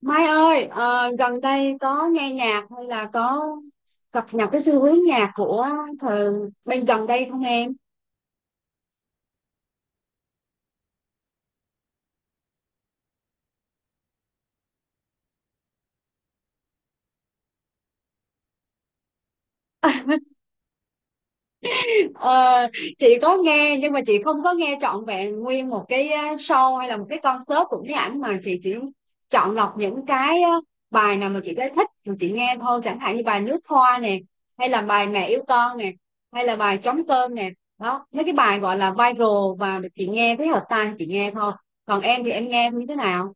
Mai ơi, gần đây có nghe nhạc hay là có cập nhật cái xu hướng nhạc của thời bên gần đây không em? Ờ, chị có nghe nhưng mà chị không có nghe trọn vẹn nguyên một cái show hay là một cái concert của cái ảnh mà chị chỉ chọn lọc những cái bài nào mà chị thấy thích rồi chị nghe thôi, chẳng hạn như bài Nước Hoa nè, hay là bài Mẹ Yêu Con nè, hay là bài Trống Cơm nè. Đó mấy cái bài gọi là viral và chị nghe thấy hợp tai chị nghe thôi. Còn em thì em nghe như thế nào?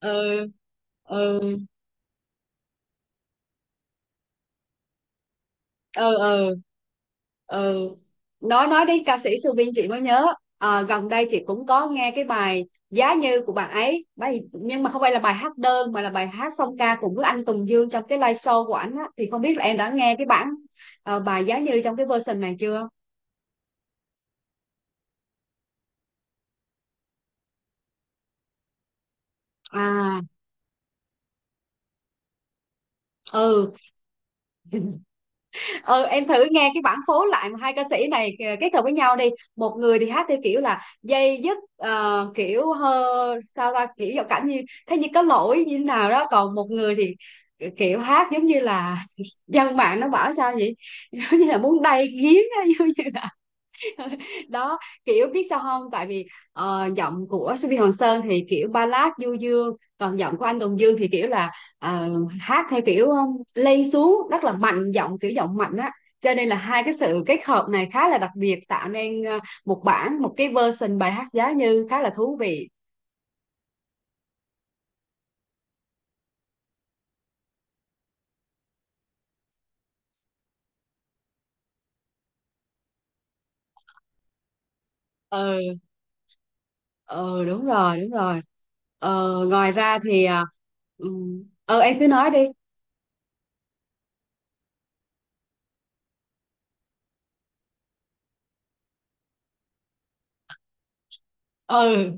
Ừ, ừ, ừ, ừ, ừ. Nói đến ca sĩ Su chị mới nhớ. Gần đây chị cũng có nghe cái bài Giá Như của bạn ấy bài, nhưng mà không phải là bài hát đơn mà là bài hát song ca cùng với anh Tùng Dương trong cái live show của ảnh á, thì không biết là em đã nghe cái bản bài Giá Như trong cái version này chưa? À, ừ, ừ, em thử nghe cái bản phối lại mà hai ca sĩ này kết hợp với nhau đi. Một người thì hát theo kiểu là dây dứt, kiểu hơ sao ta, kiểu giọng cảm như thế, như có lỗi như thế nào đó, còn một người thì kiểu hát giống như là dân mạng nó bảo sao vậy giống như là muốn đay nghiến á, giống như đó kiểu biết sao không, tại vì giọng của Subi Hoàng Sơn thì kiểu ballad du dương, còn giọng của anh Tùng Dương thì kiểu là ờ, hát theo kiểu lay xuống rất là mạnh giọng, kiểu giọng mạnh á, cho nên là hai cái sự kết hợp này khá là đặc biệt, tạo nên một cái version bài hát giá như khá là thú vị. Ừ, ừ, đúng rồi, đúng rồi. Ngoài ra thì ừ, em cứ nói đi. Ừ.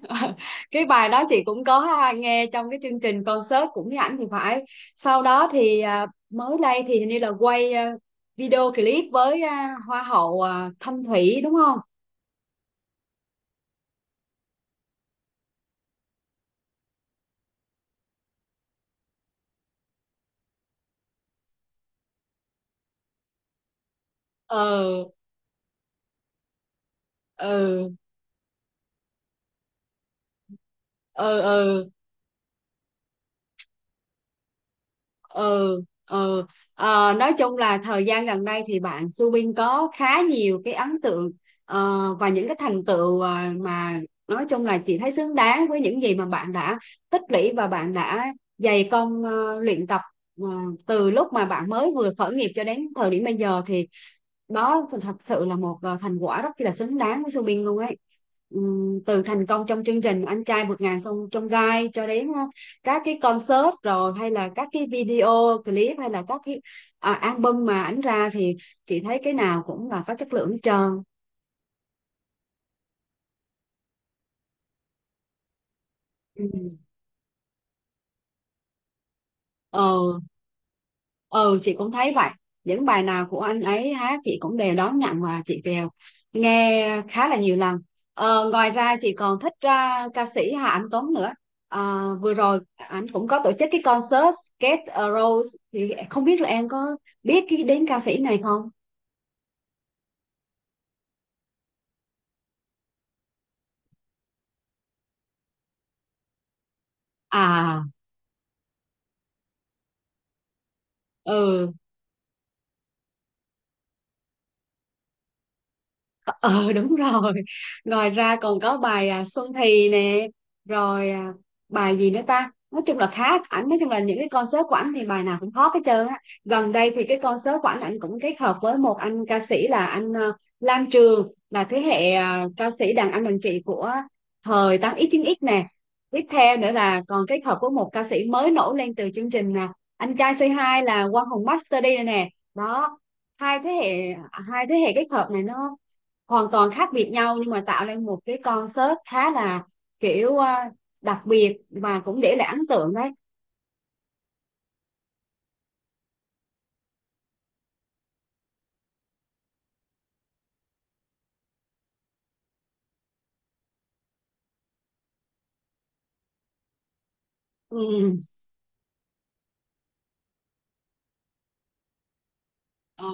Cái bài đó chị cũng có, ha, nghe trong cái chương trình concert cũng với ảnh thì phải. Sau đó thì mới đây thì hình như là quay video clip với hoa hậu Thanh Thủy đúng không? Ừ, ừ, ừ, ừ, ừ, ừ. Nói chung là thời gian gần đây thì bạn Subin có khá nhiều cái ấn tượng, và những cái thành tựu, mà nói chung là chị thấy xứng đáng với những gì mà bạn đã tích lũy và bạn đã dày công luyện tập ờ, từ lúc mà bạn mới vừa khởi nghiệp cho đến thời điểm bây giờ, thì đó thật sự là một thành quả rất là xứng đáng với Subin luôn ấy. Từ thành công trong chương trình Anh Trai Vượt Ngàn Sông Trong Gai cho đến các cái concert, rồi hay là các cái video clip, hay là các cái album mà ảnh ra thì chị thấy cái nào cũng là có chất lượng hết trơn. Ừ. ờ ừ, chị cũng thấy vậy. Những bài nào của anh ấy hát chị cũng đều đón nhận và chị đều nghe khá là nhiều lần. Ngoài ra chị còn thích ca sĩ Hà Anh Tuấn nữa. Vừa rồi anh cũng có tổ chức cái concert Get A Rose thì không biết là em có biết cái đến ca sĩ này không? À, ừ. Ờ Đúng rồi. Ngoài ra còn có bài Xuân Thì nè, rồi bài gì nữa ta, nói chung là khá ảnh, nói chung là những cái concert của ảnh thì bài nào cũng hot hết trơn á. Gần đây thì cái concert của ảnh ảnh cũng kết hợp với một anh ca sĩ là anh Lam Trường, là thế hệ ca sĩ đàn anh đàn chị của thời 8x 9x nè. Tiếp theo nữa là còn kết hợp với một ca sĩ mới nổi lên từ chương trình anh trai C2 là Quang Hùng Master đi nè. Đó, hai thế hệ hai thế hệ kết hợp này nó hoàn toàn khác biệt nhau nhưng mà tạo nên một cái concert khá là kiểu đặc biệt và cũng để lại ấn tượng đấy. Ừ. ờ,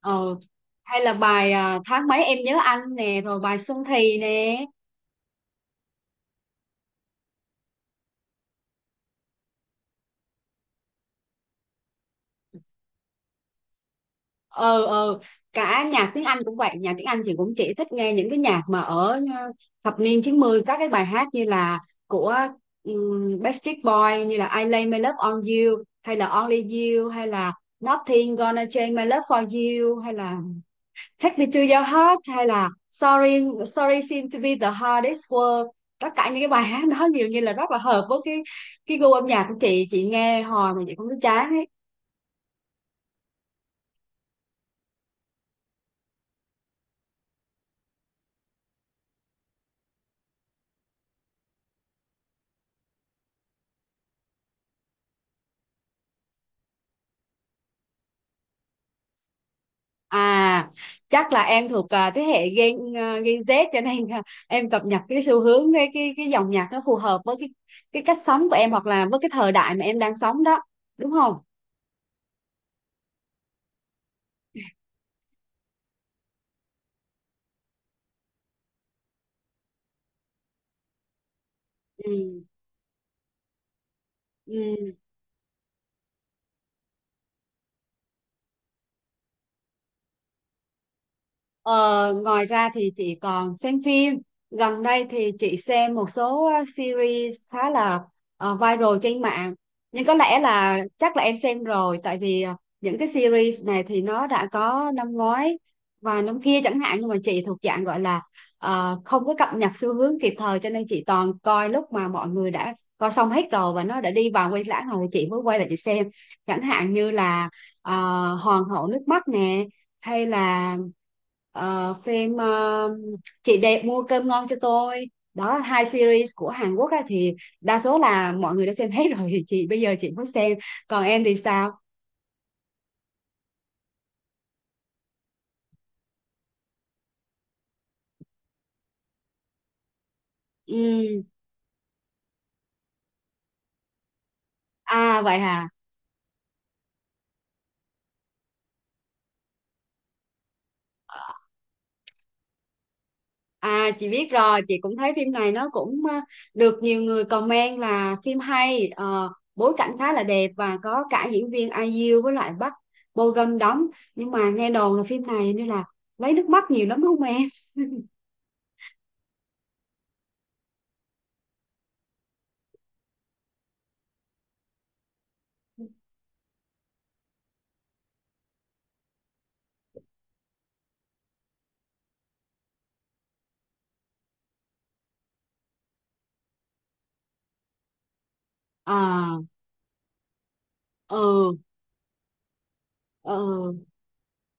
ờ. Hay là bài tháng mấy em nhớ anh nè, rồi bài Xuân Thì nè. ờ ờ Cả nhạc tiếng Anh cũng vậy, nhạc tiếng Anh chị cũng chỉ thích nghe những cái nhạc mà ở thập niên 90, các cái bài hát như là của Backstreet Boys, như là I Lay My Love On You, hay là Only You, hay là Nothing Gonna Change My Love For You, hay là Take Me To Your Heart, hay là Sorry Sorry Seem To Be The Hardest Word. Tất cả những cái bài hát đó nhiều như là rất là hợp với cái gu âm nhạc của chị nghe hồi mà chị không thấy chán ấy. à Chắc là em thuộc thế hệ Gen Gen Z cho nên em cập nhật cái xu hướng, cái dòng nhạc nó phù hợp với cái cách sống của em hoặc là với cái thời đại mà em đang sống đó, đúng không? Ừ. Ừ. Ờ, Ngoài ra thì chị còn xem phim. Gần đây thì chị xem một số series khá là viral trên mạng. Nhưng có lẽ là chắc là em xem rồi, tại vì những cái series này thì nó đã có năm ngoái và năm kia chẳng hạn, nhưng mà chị thuộc dạng gọi là không có cập nhật xu hướng kịp thời, cho nên chị toàn coi lúc mà mọi người đã coi xong hết rồi và nó đã đi vào quay lãng rồi thì chị mới quay lại chị xem. Chẳng hạn như là ờ, Hoàng Hậu Nước Mắt nè, hay là phim Chị Đẹp Mua Cơm Ngon Cho Tôi, đó hai series của Hàn Quốc á, thì đa số là mọi người đã xem hết rồi, chị bây giờ chị mới xem. Còn em thì sao? Ừ. À vậy hả? Chị biết rồi, chị cũng thấy phim này nó cũng được nhiều người comment là phim hay, bối cảnh khá là đẹp và có cả diễn viên IU với lại Park Bo Gum đóng, nhưng mà nghe đồn là phim này nên là lấy nước mắt nhiều lắm đúng không em? À, ừ, ừ,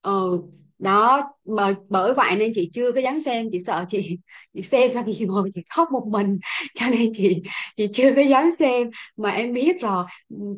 ừ. Đó mà bởi vậy nên chị chưa có dám xem, chị sợ chị chị xem xong chị ngồi chị khóc một mình. Cho nên chị chưa có dám xem. Mà em biết rồi,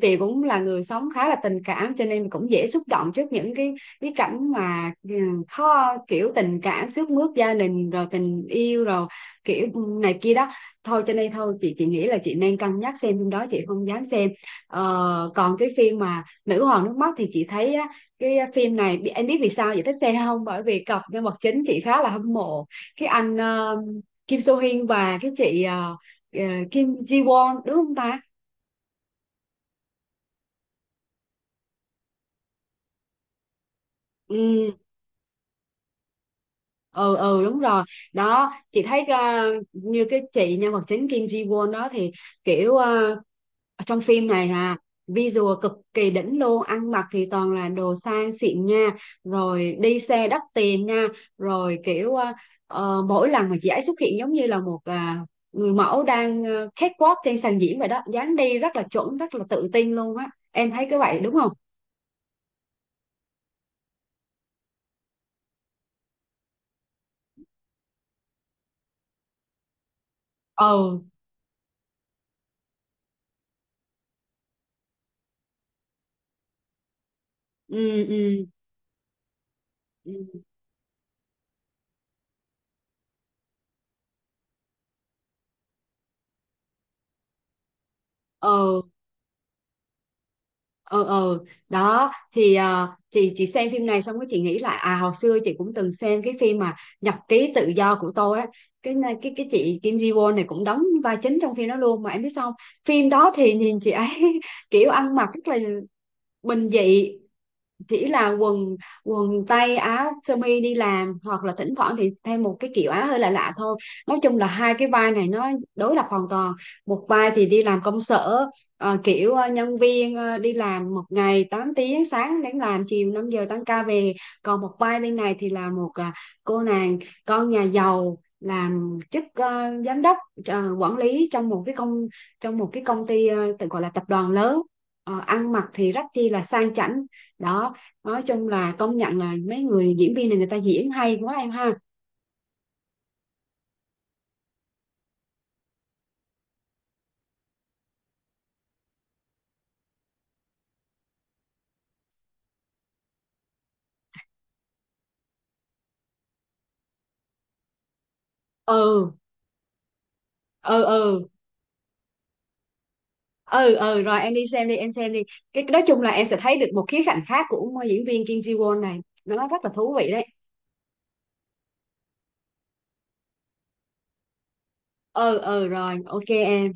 chị cũng là người sống khá là tình cảm, cho nên cũng dễ xúc động trước những cái cảnh mà, khó, kiểu tình cảm xước mướt gia đình rồi tình yêu rồi kiểu, này kia đó. Thôi cho nên thôi chị nghĩ là chị nên cân nhắc xem phim đó, chị không dám xem. Còn cái phim mà Nữ Hoàng Nước Mắt thì chị thấy á, cái phim này em biết vì sao chị thích xem không, bởi vì cặp nhân vật chính chị khá là hâm mộ, cái anh Kim So Hyun và cái chị ờ, Kim Ji Won đúng không ta? Ừ, ừ, ừ, đúng rồi. Đó chị thấy như cái chị nhân vật chính Kim Ji Won đó thì kiểu trong phim này visual cực kỳ đỉnh luôn, ăn mặc thì toàn là đồ sang xịn nha, rồi đi xe đắt tiền nha, rồi kiểu mỗi lần mà chị ấy xuất hiện giống như là một người mẫu đang catwalk trên sàn diễn vậy đó, dáng đi rất là chuẩn rất là tự tin luôn á, em thấy cái vậy đúng không? Ừ, ừ, ừ, ừ. Ừ, ừ, ừ. Đó thì chị xem phim này xong cái chị nghĩ lại, à hồi xưa chị cũng từng xem cái phim mà Nhật Ký Tự Do Của Tôi á, cái chị Kim Ji Won này cũng đóng vai chính trong phim đó luôn mà em biết sao không? Phim đó thì nhìn chị ấy kiểu ăn mặc rất là bình dị, chỉ là quần quần tây áo sơ mi đi làm, hoặc là thỉnh thoảng thì thêm một cái kiểu áo hơi lạ lạ thôi. Nói chung là hai cái vai này nó đối lập hoàn toàn, một vai thì đi làm công sở, kiểu nhân viên đi làm một ngày 8 tiếng, sáng đến làm chiều 5 giờ tăng ca về. Còn một vai bên này thì là một cô nàng con nhà giàu, làm chức giám đốc quản lý trong một cái công ty, tự gọi là tập đoàn lớn. Ăn mặc thì rất chi là sang chảnh. Đó, nói chung là công nhận là mấy người diễn viên này người ta diễn hay quá em ha. Ừ, ừ, ừ, ừ, ừ, rồi em đi xem đi em xem đi. Cái nói chung là em sẽ thấy được một khía cạnh khác của diễn viên Kim Ji Won này, nó rất là thú vị đấy. Ừ, ừ, rồi ok em.